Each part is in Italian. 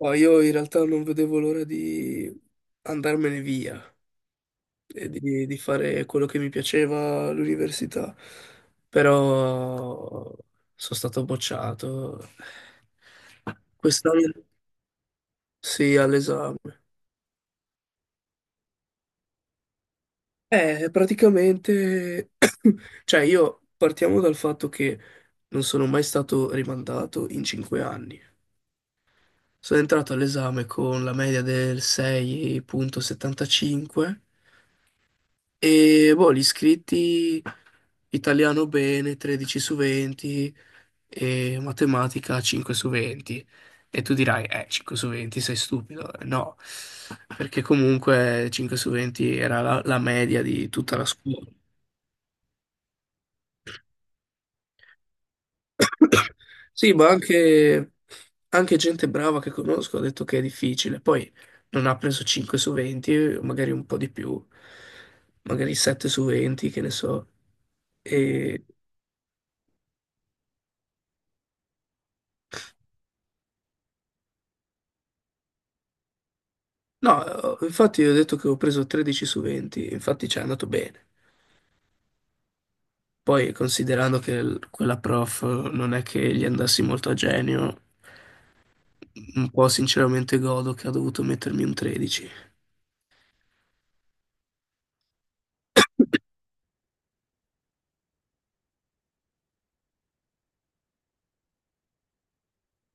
No, io in realtà non vedevo l'ora di andarmene via e di fare quello che mi piaceva all'università, però sono stato bocciato. Quest'anno sì, all'esame. Praticamente, cioè io partiamo dal fatto che non sono mai stato rimandato in 5 anni. Sono entrato all'esame con la media del 6,75. E boh, gli iscritti italiano bene, 13 su 20 e matematica 5 su 20. E tu dirai, 5 su 20 sei stupido. No, perché comunque 5 su 20 era la media di tutta la scuola. Sì, ma anche gente brava che conosco ha detto che è difficile. Poi non ha preso 5 su 20, magari un po' di più, magari 7 su 20, che ne so. E no, infatti io ho detto che ho preso 13 su 20, infatti ci è andato bene. Poi considerando che quella prof non è che gli andassi molto a genio, un po' sinceramente godo che ha dovuto mettermi un 13.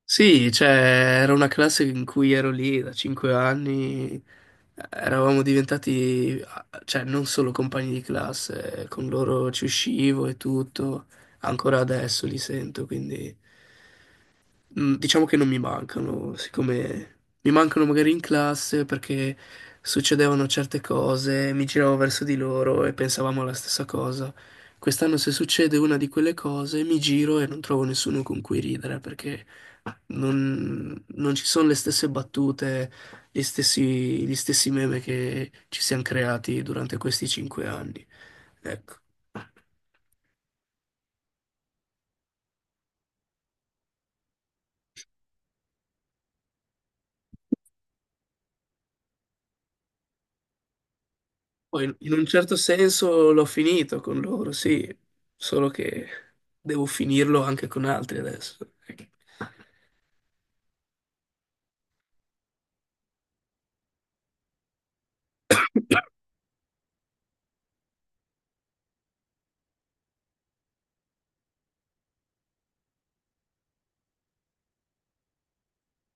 Sì, cioè era una classe in cui ero lì da 5 anni, eravamo diventati, cioè non solo compagni di classe, con loro ci uscivo e tutto, ancora adesso li sento, quindi. Diciamo che non mi mancano, siccome mi mancano magari in classe perché succedevano certe cose, mi giravo verso di loro e pensavamo alla stessa cosa. Quest'anno se succede una di quelle cose, mi giro e non trovo nessuno con cui ridere perché non ci sono le stesse battute, gli stessi, gli stessi meme che ci siamo creati durante questi 5 anni. Ecco. Poi in un certo senso l'ho finito con loro, sì, solo che devo finirlo anche con altri adesso.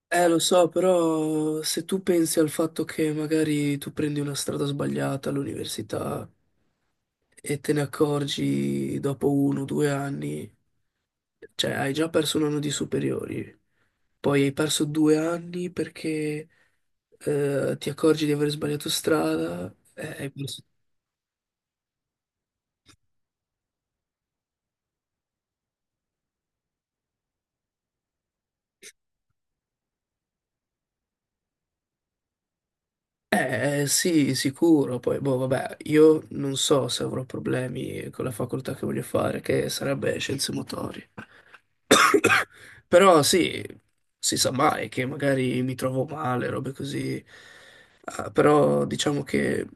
Lo so, però se tu pensi al fatto che magari tu prendi una strada sbagliata all'università e te ne accorgi dopo 1 o 2 anni, cioè hai già perso un anno di superiori, poi hai perso 2 anni perché ti accorgi di aver sbagliato strada, hai perso. Eh sì, sicuro, poi boh, vabbè, io non so se avrò problemi con la facoltà che voglio fare, che sarebbe scienze motorie. Però sì, si sa mai che magari mi trovo male, robe così. Ah, però diciamo che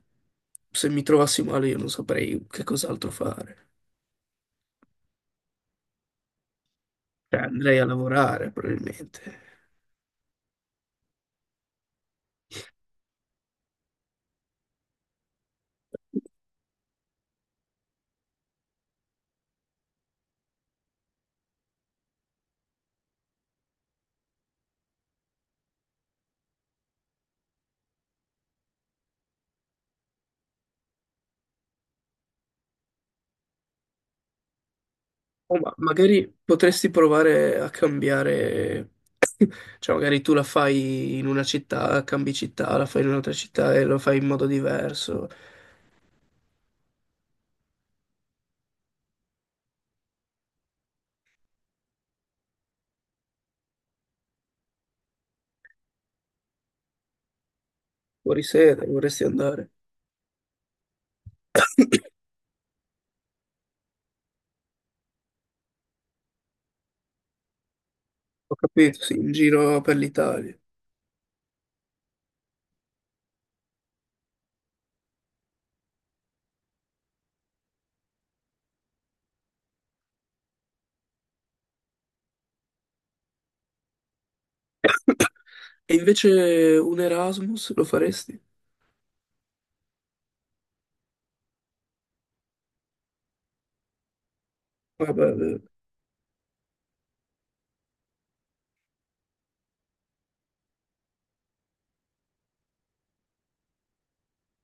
se mi trovassi male io non saprei che cos'altro fare. Cioè, andrei a lavorare probabilmente. O magari potresti provare a cambiare. Cioè, magari tu la fai in una città, cambi città, la fai in un'altra città e lo fai in modo diverso. Fuori sede, vorresti andare. Ho capito, sì, in giro per l'Italia. E invece un Erasmus lo faresti? Vabbè,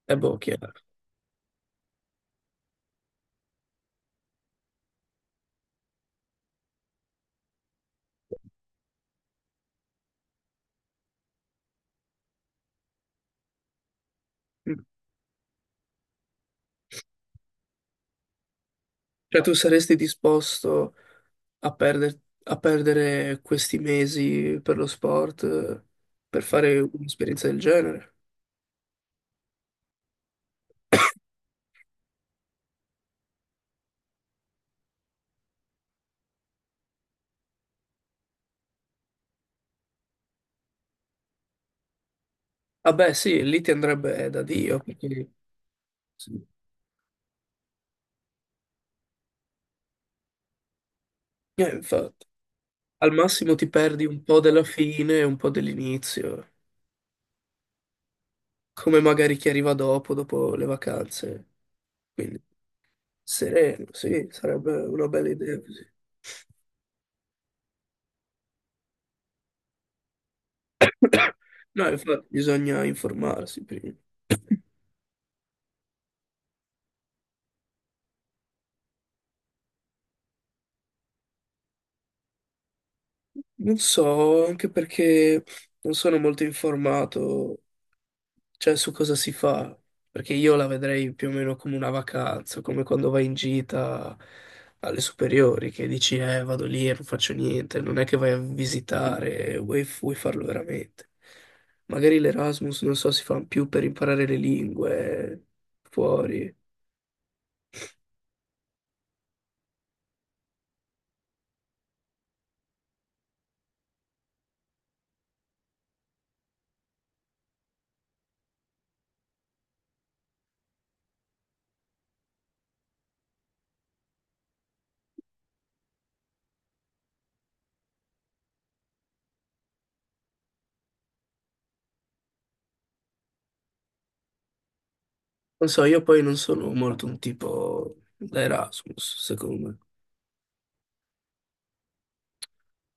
è boh, chiaro. Mm. Cioè, tu saresti disposto a perdere questi mesi per lo sport, per fare un'esperienza del genere? Vabbè, sì, lì ti andrebbe da Dio, perché. Sì. Infatti. Al massimo ti perdi un po' della fine e un po' dell'inizio, come magari chi arriva dopo le vacanze. Quindi sereno, sì, sarebbe una bella idea così. No, infatti bisogna informarsi prima. Non so, anche perché non sono molto informato, cioè su cosa si fa, perché io la vedrei più o meno come una vacanza, come quando vai in gita alle superiori, che dici, vado lì e non faccio niente, non è che vai a visitare, vuoi farlo veramente. Magari l'Erasmus, non so, si fa più per imparare le lingue fuori. Non so, io poi non sono molto un tipo da Erasmus, secondo me.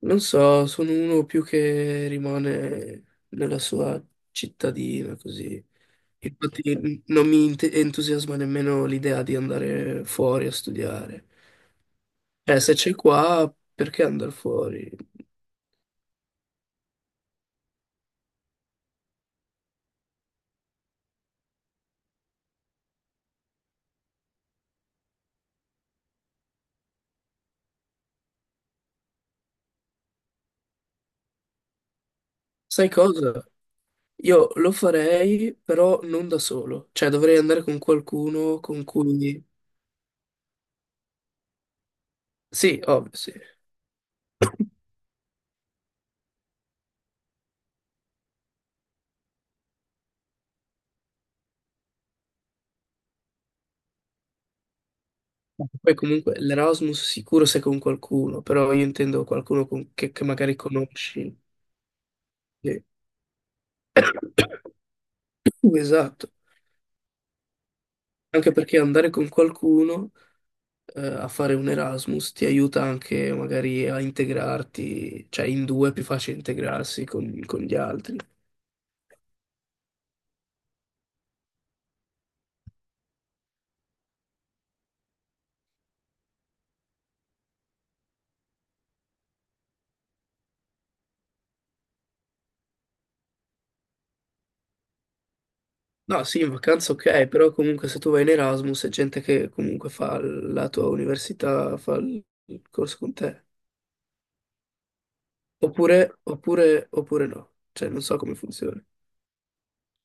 Non so, sono uno più che rimane nella sua cittadina, così. Infatti non mi entusiasma nemmeno l'idea di andare fuori a studiare. Cioè, se c'è qua, perché andare fuori? Sai cosa? Io lo farei, però non da solo. Cioè, dovrei andare con qualcuno con cui. Sì, ovvio, sì. Poi comunque l'Erasmus sicuro se con qualcuno, però io intendo qualcuno che magari conosci. Sì. Esatto. Anche perché andare con qualcuno, a fare un Erasmus ti aiuta anche magari a integrarti, cioè in due è più facile integrarsi con gli altri. No, sì, in vacanza ok, però comunque se tu vai in Erasmus è gente che comunque fa la tua università, fa il corso con te. Oppure no. Cioè, non so come funziona.